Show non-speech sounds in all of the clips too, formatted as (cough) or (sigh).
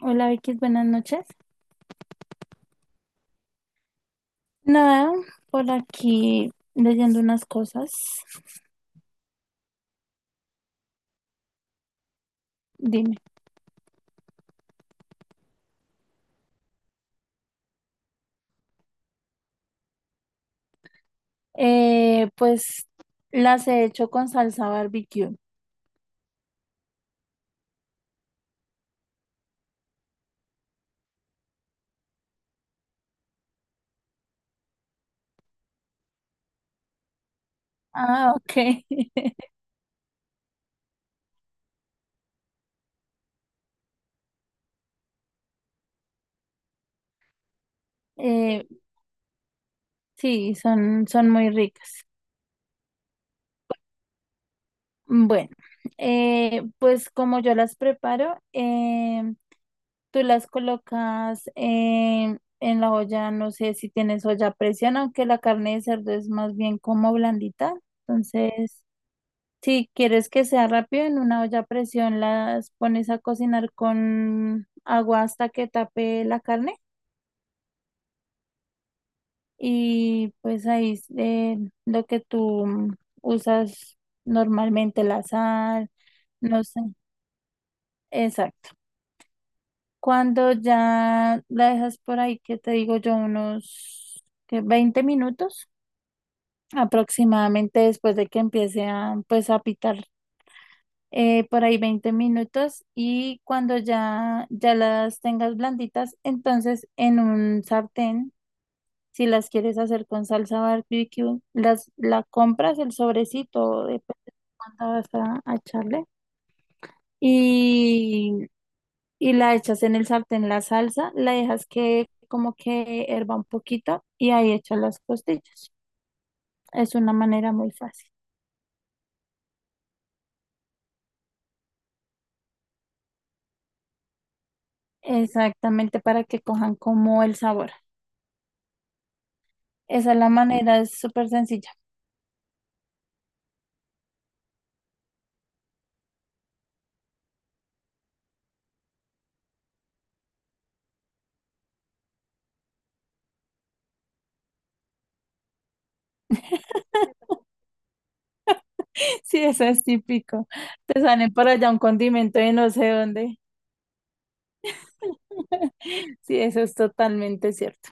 Hola Vicky, buenas noches. Nada, por aquí leyendo unas cosas. Dime. Pues las he hecho con salsa barbecue. Ah, ok. (laughs) Eh, sí, son muy ricas. Bueno, pues como yo las preparo, tú las colocas en la olla, no sé si tienes olla a presión, aunque la carne de cerdo es más bien como blandita. Entonces. Si quieres que sea rápido, en una olla a presión las pones a cocinar con agua hasta que tape la carne, y pues ahí lo que tú usas normalmente, la sal, no sé, exacto. Cuando ya la dejas por ahí, que te digo yo, unos ¿qué?, 20 minutos aproximadamente después de que empiece a pues a pitar, por ahí 20 minutos, y cuando ya las tengas blanditas, entonces en un sartén, si las quieres hacer con salsa barbecue, las, la compras el sobrecito, depende de cuánta vas a echarle y, y la echas en el sartén la salsa, la dejas que como que herva un poquito y ahí echas las costillas. Es una manera muy fácil. Exactamente, para que cojan como el sabor. Esa es la manera, es súper sencilla. (laughs) Sí, eso es típico. Te salen por allá un condimento de no sé dónde. (laughs) Sí, eso es totalmente cierto.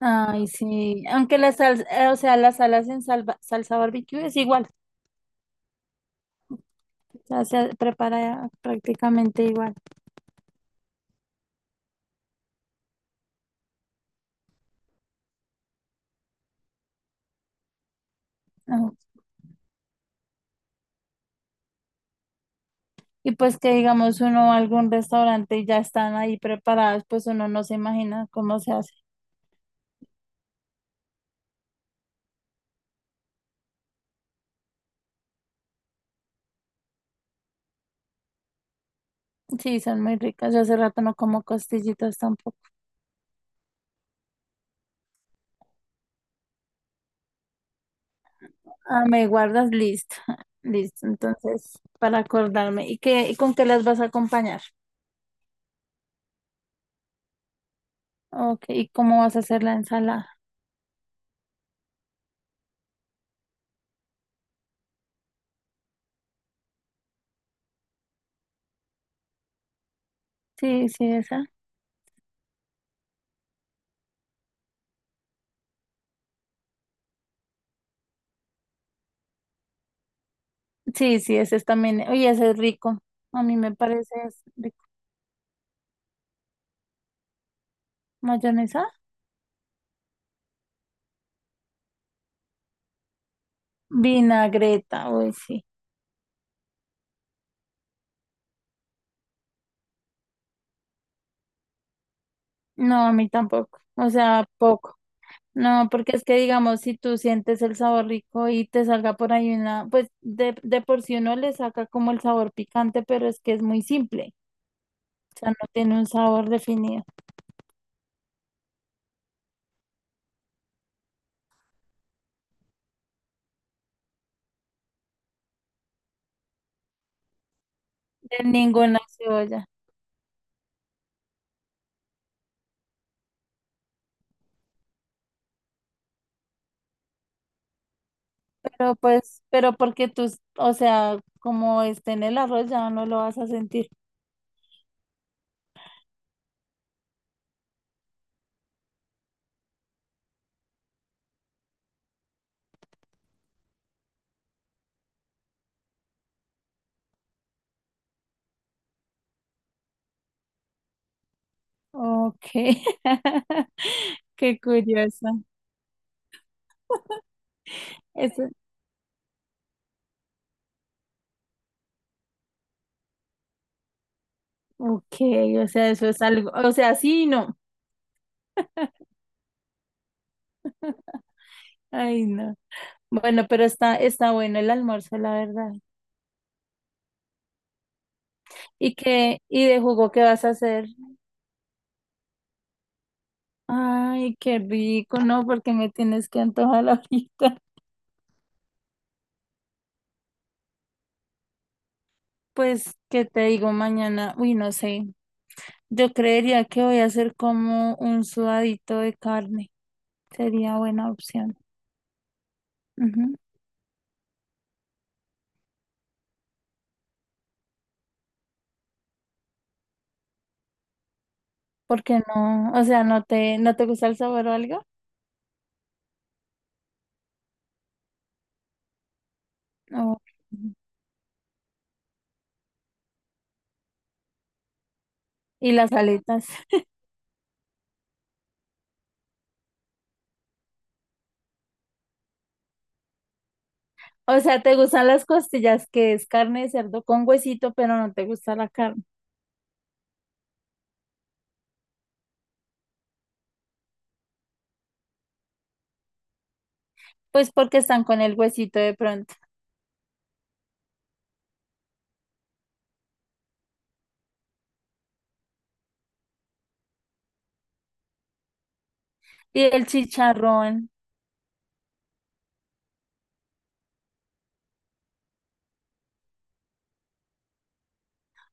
Ay, sí. Aunque la salsa, o sea, las salas en salsa barbecue es igual. O sea, se prepara prácticamente igual. Ajá. Y pues que digamos uno va a algún restaurante y ya están ahí preparadas, pues uno no se imagina cómo se hace. Sí, son muy ricas. Yo hace rato no como costillitas tampoco. Ah, me guardas, listo. (laughs) Listo, entonces, para acordarme. ¿Y qué, y con qué las vas a acompañar? Ok, ¿y cómo vas a hacer la ensalada? Sí, sí, esa. Sí, sí, esa es también. Oye, ese es rico. A mí me parece es rico. ¿Mayonesa? Vinagreta, uy, sí. No, a mí tampoco. O sea, poco. No, porque es que digamos, si tú sientes el sabor rico y te salga por ahí una, pues de por sí uno le saca como el sabor picante, pero es que es muy simple. O sea, no tiene un sabor definido. De ninguna cebolla. Pero pues, pero porque tú, o sea, como esté en el arroz ya no lo vas a sentir. Ok. (laughs) Qué curioso. Eso, ok, o sea, eso es algo, o sea, sí y no. Ay, no. Bueno, pero está bueno el almuerzo, la verdad. ¿Y qué, y de jugo qué vas a hacer? Ay, qué rico, no, porque me tienes que antojar (laughs) ahorita. Pues, ¿qué te digo mañana? Uy, no sé. Yo creería que voy a hacer como un sudadito de carne. Sería buena opción. Ujú. Porque no, o sea, no te gusta el sabor o algo. O- Y las aletas. (laughs) O sea, te gustan las costillas, que es carne de cerdo con huesito, pero no te gusta la carne. Pues porque están con el huesito de pronto. Y el chicharrón.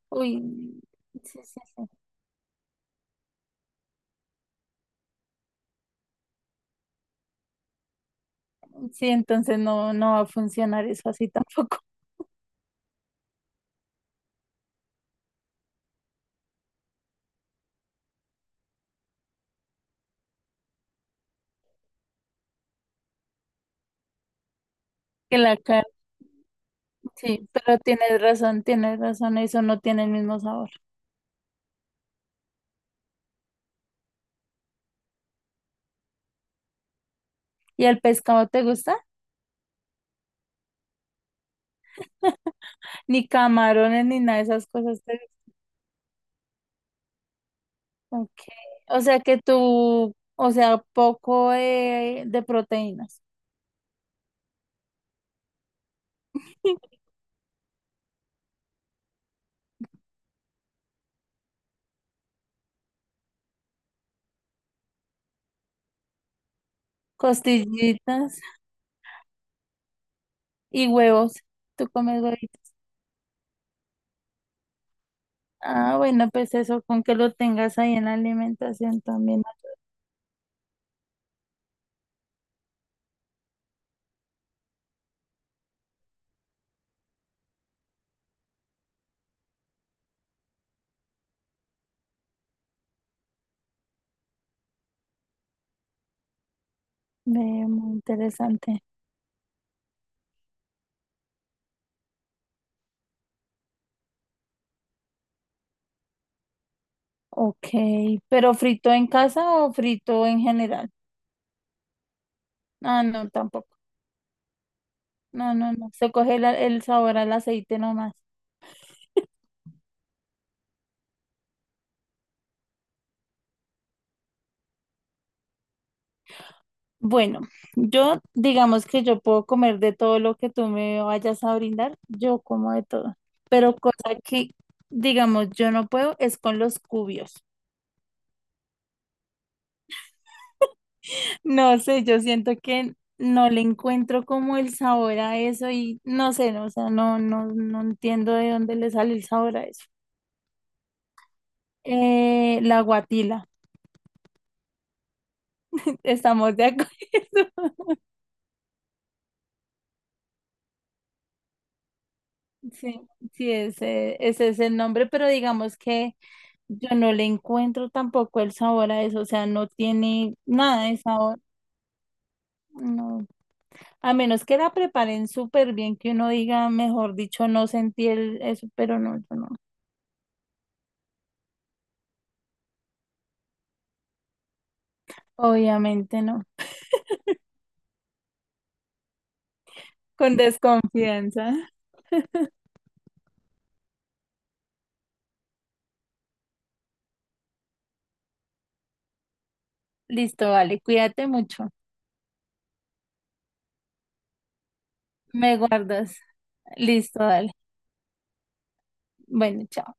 Uy, sí, sí, sí. Sí, entonces no, no va a funcionar eso así tampoco. (laughs) Que la carne. Sí, pero tienes razón, eso no tiene el mismo sabor. ¿Y el pescado te gusta? (laughs) Ni camarones, ni nada de esas cosas te. Ok. O sea que tú, o sea, poco de proteínas. (laughs) Costillitas y huevos. Tú comes huevitos. Ah, bueno, pues eso, con que lo tengas ahí en la alimentación también. Ve, muy interesante. Ok, ¿pero frito en casa o frito en general? Ah, no, tampoco. No, no, no. Se coge el sabor al aceite nomás. Bueno, yo digamos que yo puedo comer de todo lo que tú me vayas a brindar, yo como de todo. Pero cosa que, digamos, yo no puedo es con los cubios. No sé, yo siento que no le encuentro como el sabor a eso y no sé, no, o sea, no, no, no entiendo de dónde le sale el sabor a eso. La guatila. (laughs) Estamos de acuerdo. (laughs) Sí, sí, ese es el nombre, pero digamos que yo no le encuentro tampoco el sabor a eso, o sea, no tiene nada de sabor, no. A menos que la preparen súper bien, que uno diga, mejor dicho, no sentí el, eso, pero no, yo no. Obviamente no. Con desconfianza. Listo, vale, cuídate mucho. Me guardas. Listo, dale. Bueno, chao.